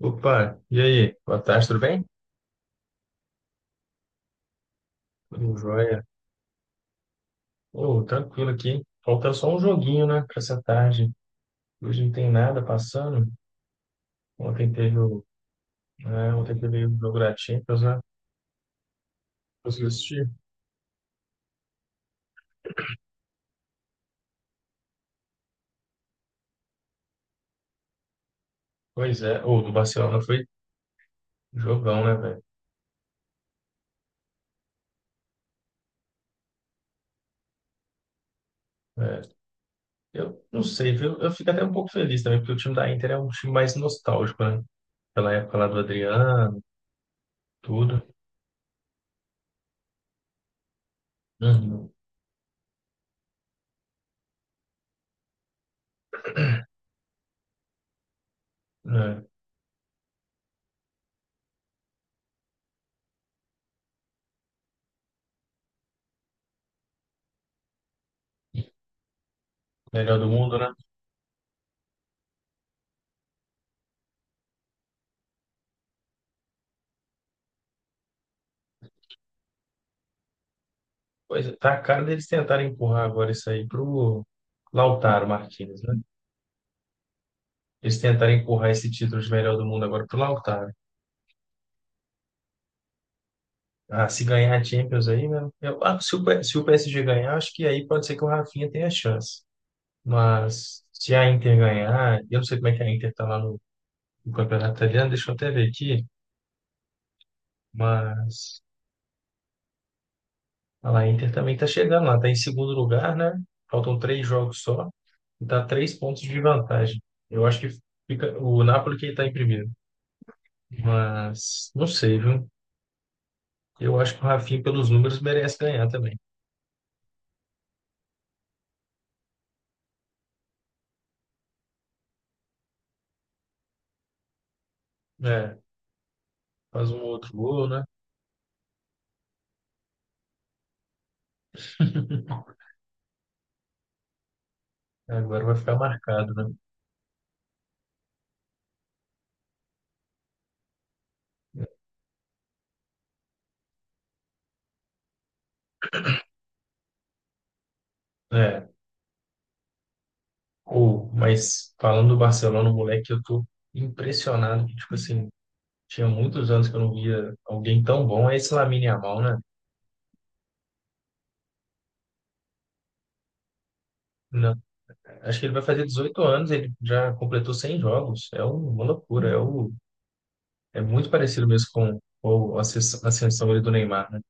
Opa, e aí? Boa tarde, tudo bem? Tudo jóia. Ô, tranquilo aqui. Falta só um joguinho, né, pra essa tarde. Hoje não tem nada passando. Ontem teve o, né, ontem teve o jogo da Champions, né? Conseguiu assistir? Pois é. Ou do Barcelona foi jogão, né, velho? É. Eu não sei, viu? Eu fico até um pouco feliz também, porque o time da Inter é um time mais nostálgico, né? Pela época lá do Adriano, tudo. Uhum. É. Melhor do mundo, né? Pois é, tá a cara deles tentarem empurrar agora isso aí pro Lautaro Martínez, né? Eles tentarem empurrar esse título de melhor do mundo agora pro Lautaro. Ah, se ganhar a Champions aí, né? Eu, ah, se o, P- se o PSG ganhar, acho que aí pode ser que o Rafinha tenha chance. Mas se a Inter ganhar, eu não sei como é que a Inter tá lá no campeonato italiano, deixa eu até ver aqui. Mas olha lá, a Inter também tá chegando lá, tá em segundo lugar, né? Faltam três jogos só e tá três pontos de vantagem. Eu acho que fica o Napoli que tá em primeiro. Mas não sei, viu? Eu acho que o Rafinha, pelos números, merece ganhar também. É, faz um outro gol, né? Agora vai ficar marcado, né? É, mas falando do Barcelona, moleque, eu tô impressionado que, tipo assim, tinha muitos anos que eu não via alguém tão bom. É esse Lamine Yamal, né? Não, acho que ele vai fazer 18 anos, ele já completou 100 jogos. Uma loucura, é muito parecido mesmo com a ascensão ali do Neymar, né?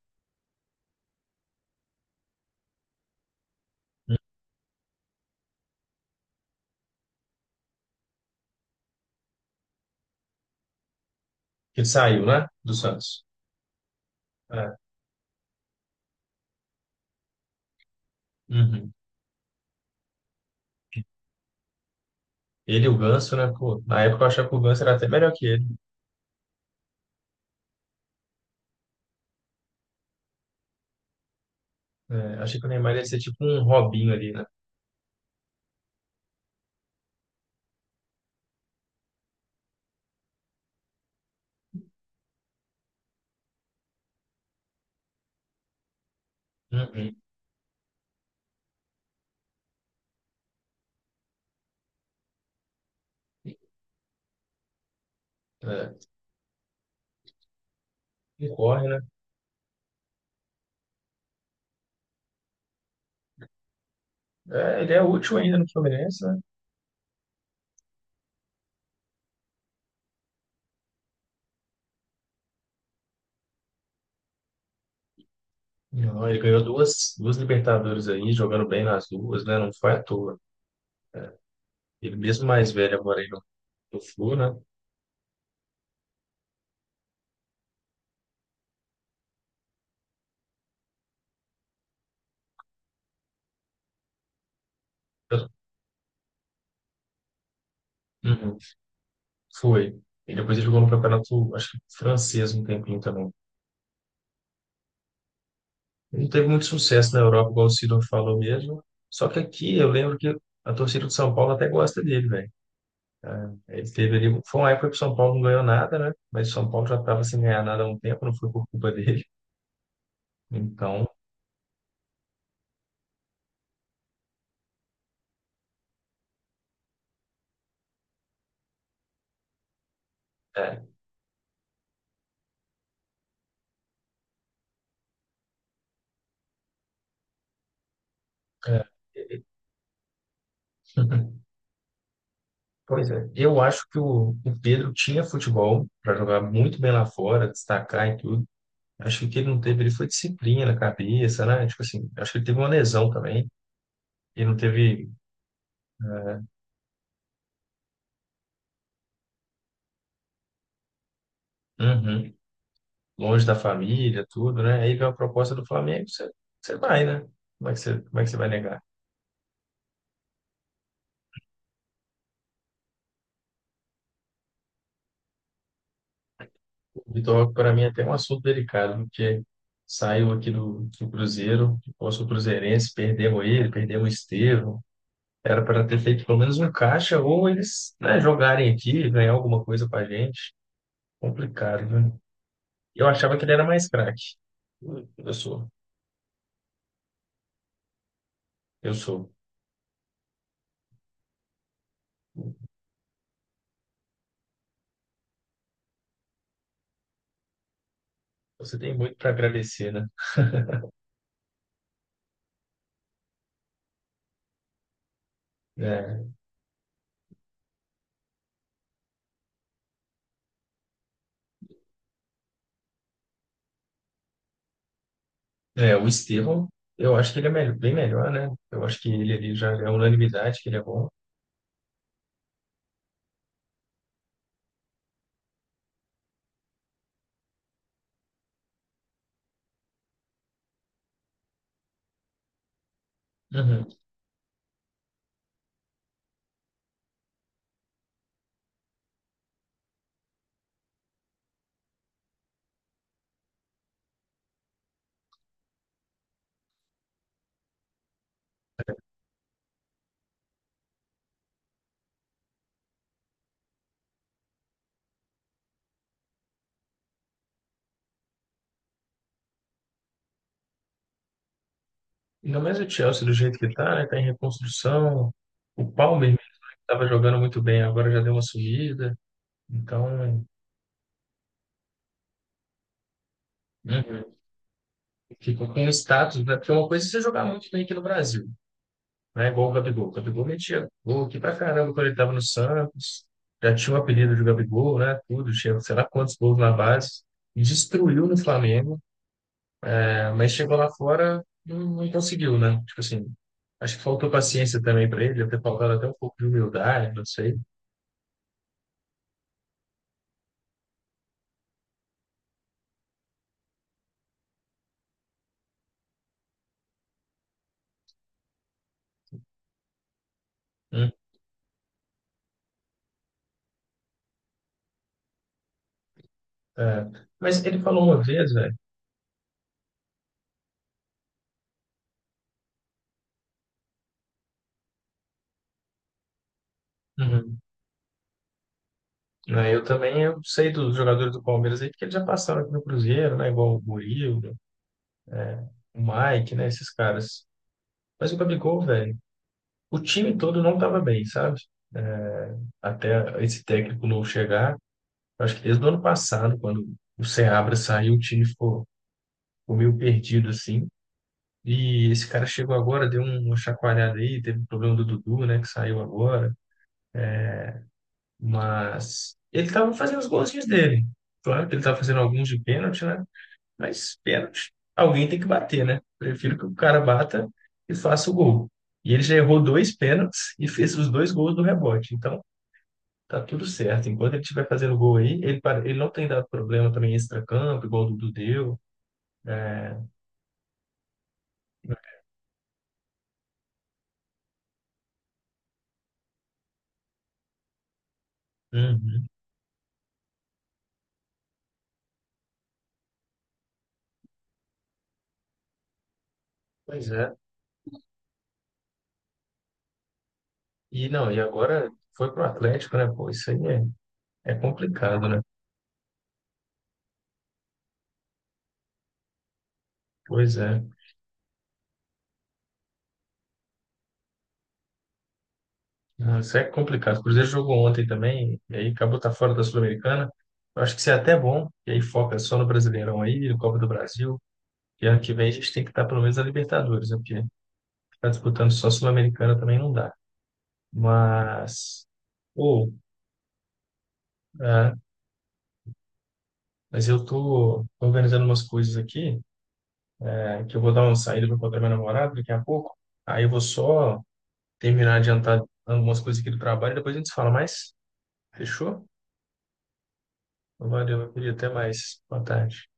Que saiu, né? Do Santos. É. Uhum. Ele e o Ganso, né? Pô, na época eu achava que o Ganso era até melhor que ele. É, achei que o Neymar ia ser tipo um Robinho ali, né? Uhum. É, ele corre, né? É, ele é útil ainda no Fluminense, né? Não, ele ganhou duas Libertadores aí, jogando bem nas duas, né? Não foi à toa. Ele mesmo mais velho agora aí no, no Flu, né? Eu- Uhum. Foi. E depois ele jogou no campeonato, acho que francês um tempinho também. Ele não teve muito sucesso na Europa, igual o Sidor falou mesmo. Só que aqui eu lembro que a torcida do São Paulo até gosta dele, velho. Ele teve ali, foi uma época que o São Paulo não ganhou nada, né? Mas o São Paulo já estava sem ganhar nada há um tempo, não foi por culpa dele. Então, é. É. ele- Pois é, eu acho que o Pedro tinha futebol para jogar muito bem lá fora, destacar e tudo. Acho que o que ele não teve, ele foi disciplina na cabeça, né? Tipo assim, acho que ele teve uma lesão também. Ele não teve é, Uhum. Longe da família, tudo, né? Aí vem a proposta do Flamengo, você vai, né? Como é que você vai negar? Vitor, Roque, para mim, é até um assunto delicado, porque saiu aqui do Cruzeiro, eu sou cruzeirense, perdemos ele, perdemos o Estevão. Era para ter feito pelo menos um caixa, ou eles, né, jogarem aqui, ganhar alguma coisa para a gente. Complicado, né? Eu achava que ele era mais craque. Eu eu sou, eu sou. Você tem muito para agradecer, né? É, o Estevão, eu acho que ele é bem melhor, né? Eu acho que ele ali já é unanimidade, que ele é bom. Uhum. Ainda mais o Chelsea do jeito que tá, né? Tá em reconstrução. O Palmer estava jogando muito bem, agora já deu uma subida. Então, uhum. Ficou com o status, né? Porque uma coisa é você jogar muito bem aqui no Brasil, né? Igual o Gabigol. O Gabigol metia gol aqui pra caramba quando ele tava no Santos. Já tinha o apelido de Gabigol, né? Tudo, tinha sei lá quantos gols na base. E destruiu no Flamengo, né? Mas chegou lá fora, não conseguiu, né? Tipo assim, acho que faltou paciência também para ele, deve ter faltado até um pouco de humildade, não sei. É, mas ele falou uma vez, velho. Uhum. Né, eu também eu sei dos jogadores do Palmeiras aí, porque eles já passaram aqui no Cruzeiro, né? Igual o Murilo, o Mike, né? Esses caras. Mas o Gabigol, velho, o time todo não tava bem, sabe? É, até esse técnico novo chegar. Eu Acho que desde o ano passado, quando o Seabra saiu, ficou meio perdido, assim. E esse cara chegou agora, deu uma chacoalhada aí, teve o problema do Dudu, né? Que saiu agora. Mas ele estava fazendo os golzinhos dele. Claro que ele estava fazendo alguns de pênalti, né? Mas pênalti, alguém tem que bater, né? Prefiro que o cara bata e faça o gol. E ele já errou dois pênaltis e fez os dois gols do rebote. Então, tá tudo certo. Enquanto ele estiver fazendo gol aí, ele não tem dado problema também em extracampo, igual o Dudu deu. É, Uhum. Pois é. E não, e agora foi pro Atlético, né? Pô, é complicado, né? Pois é. Não, isso é complicado. O Cruzeiro jogou ontem também, e aí acabou tá fora da Sul-Americana. Eu acho que isso é até bom, e aí foca só no Brasileirão aí, no Copa do Brasil. E ano que vem a gente tem que estar pelo menos na Libertadores, né? Porque ficar disputando só Sul-Americana também não dá. Mas, ou, é, mas eu tô organizando umas coisas aqui, é, que eu vou dar uma saída para encontrar minha namorada daqui a pouco. Aí eu vou só terminar de adiantar algumas coisas aqui do trabalho, depois a gente se fala mais. Fechou? Valeu, meu querido. Até mais. Boa tarde.